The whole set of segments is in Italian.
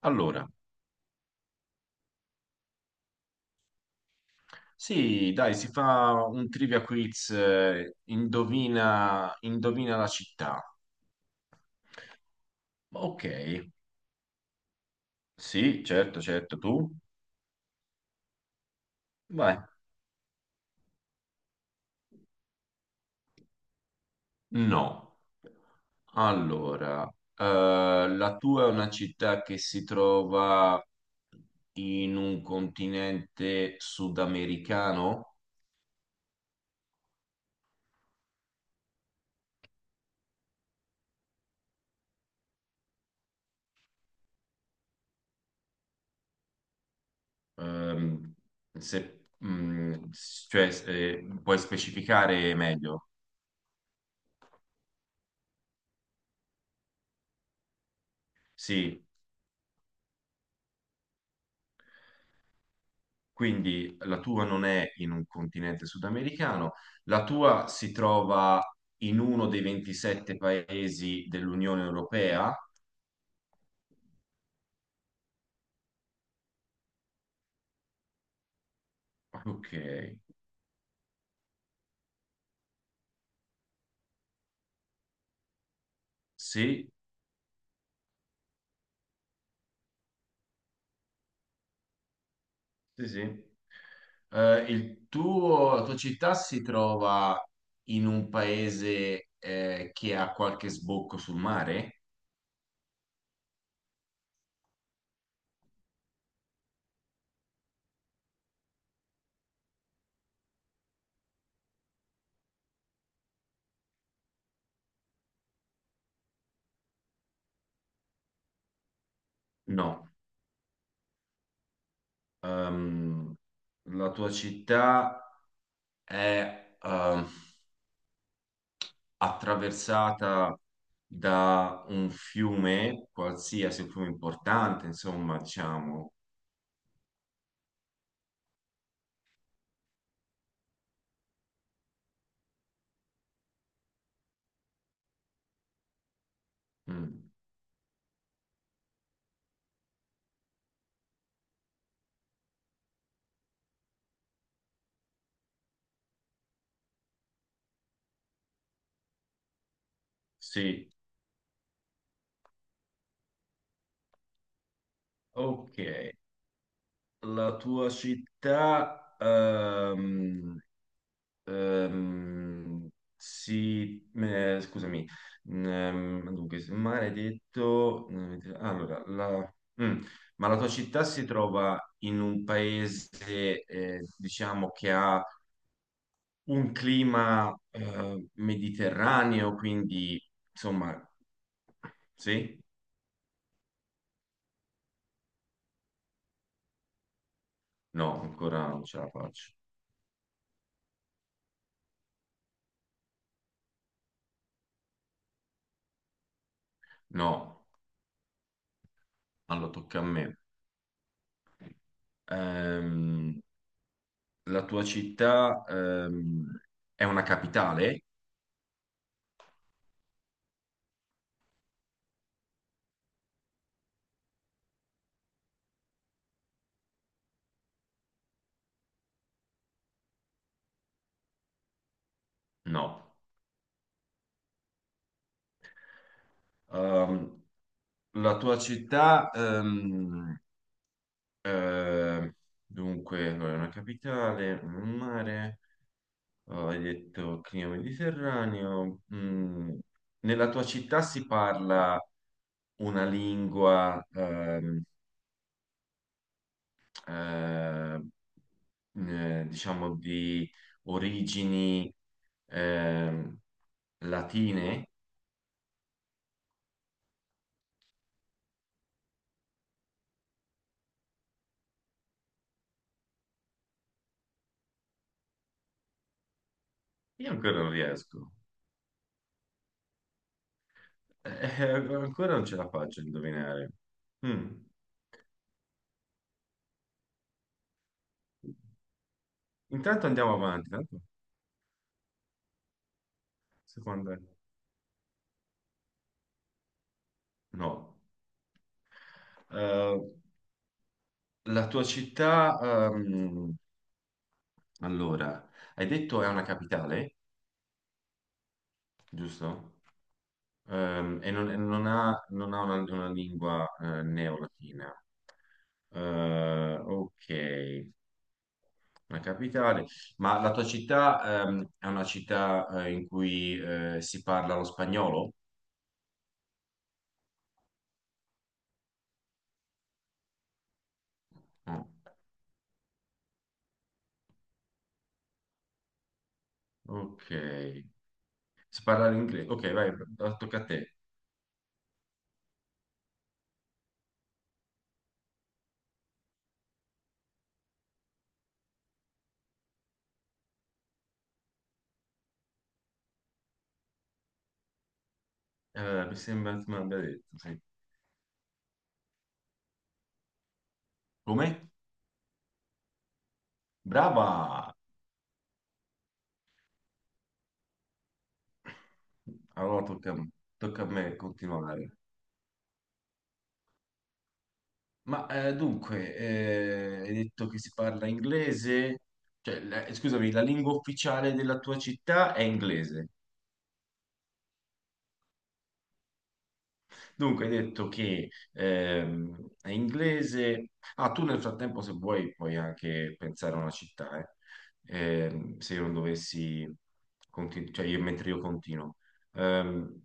Allora, sì, dai, si fa un trivia quiz, indovina, la città. Ok, sì, certo, certo, tu? Vai. No. Allora, la tua è una città che si trova in un continente sudamericano? Ehm, se- cioè, puoi specificare meglio? Sì. Quindi la tua non è in un continente sudamericano, la tua si trova in uno dei 27 paesi dell'Unione Europea. Ok, sì, sì, sì. Il tuo, la tua città si trova in un paese che ha qualche sbocco sul mare? No. Ehm, la tua città è... attraversata da un fiume, qualsiasi un fiume importante, insomma, diciamo. Mm, sì, ok. La tua città ehm, si... scusami, dunque, maledetto... Allora, la... mm, ma la tua città si trova in un paese, diciamo, che ha un clima mediterraneo, quindi insomma, sì? No, ancora non ce la faccio. No, allora tocca a me. Ehm, la tua città è una capitale? No. Ehm, la tua città, eh, dunque, allora, è una capitale, un mare, oh, hai detto clima mediterraneo. Nella tua città si parla una lingua, eh, diciamo, di origini ehm, latine, io ancora non riesco. Eh, ancora non ce la faccio a indovinare. Mm. Intanto andiamo avanti. Tanto, Secondo te? No. Eh, la tua città, allora, hai detto è una capitale, giusto? E non ha, non ha una lingua neolatina. Ok, una capitale. Ma la tua città è una città in cui si parla lo spagnolo? No. Ok, si parla l'inglese. Ok, vai, tocca a te. Mi sembra che mi abbia detto, sì. Come? Brava! Allora tocca, tocca a me continuare. Ma dunque, hai detto che si parla inglese, cioè, scusami, la lingua ufficiale della tua città è inglese. Dunque, hai detto che è inglese. Ah, tu nel frattempo, se vuoi, puoi anche pensare a una città, eh. Se io non dovessi, cioè io, mentre io continuo. Ehm,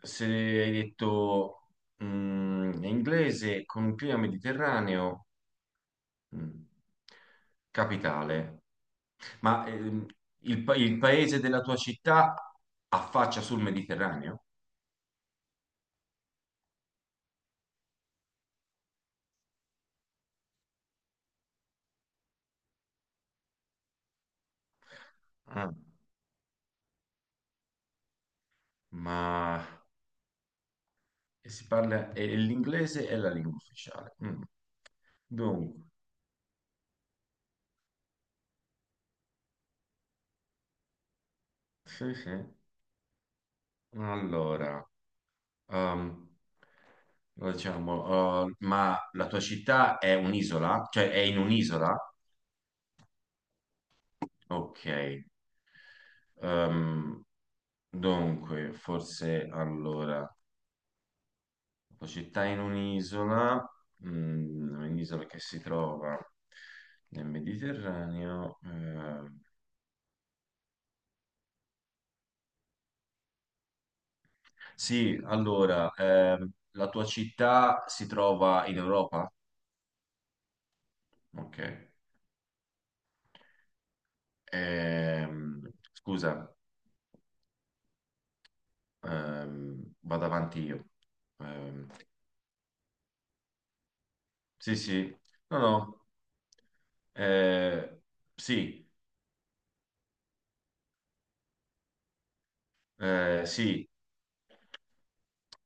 se hai detto è inglese con un clima mediterraneo, mm, capitale. Ma il paese della tua città affaccia sul Mediterraneo? Ah, ma e si parla e l'inglese è la lingua ufficiale. Mm. Dunque, sì, sì. Allora, ehm, diciamo, ma la tua città è un'isola? Cioè è in un'isola? Ok. Ehm, dunque, forse allora. La città in un'isola, un'isola che si trova nel Mediterraneo. Sì, allora, la tua città si trova in Europa? Ok. Ehm, scusa, vado avanti io. Ehm, sì, sì, no, no. eh, sì, sì.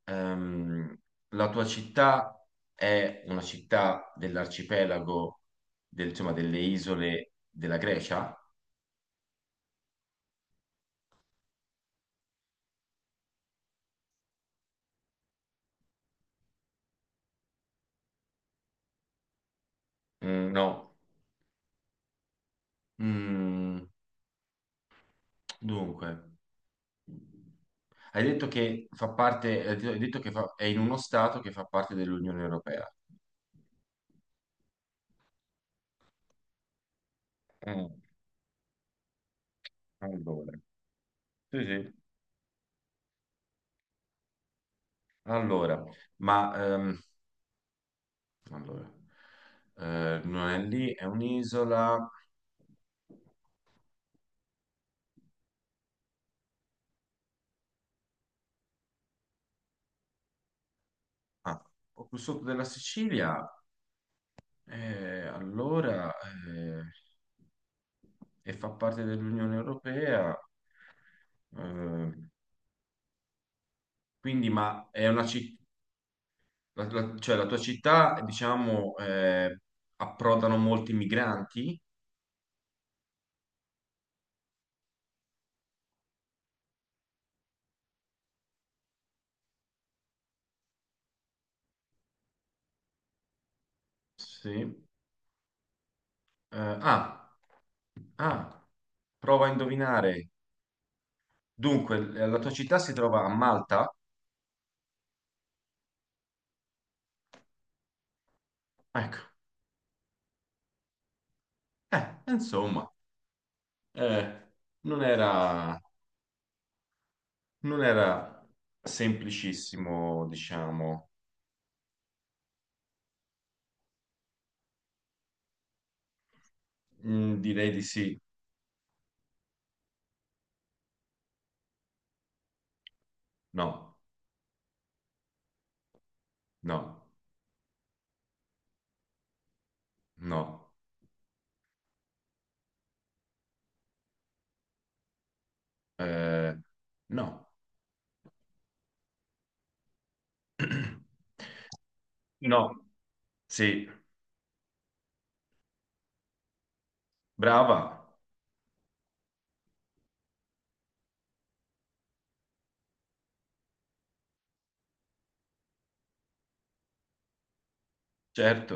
ehm, la tua città è una città dell'arcipelago, insomma, delle isole della Grecia? Mm, no. Mm, dunque, hai detto che è in uno stato che fa parte dell'Unione Europea. Mm, allora, sì, sì. Allora, ma allora, non è lì, è un'isola. Ah, o più sotto della Sicilia. Allora, eh, e fa parte dell'Unione Europea, eh, quindi, ma è una città, cioè la tua città, diciamo, approdano molti migranti? Sì. Eh, ah, ah, prova a indovinare. Dunque, la tua città si trova a Malta? Ecco, insomma, eh, non era, non era semplicissimo, diciamo. Mm, direi di sì. No, no, no. Eh, no. No, sì, brava, certo.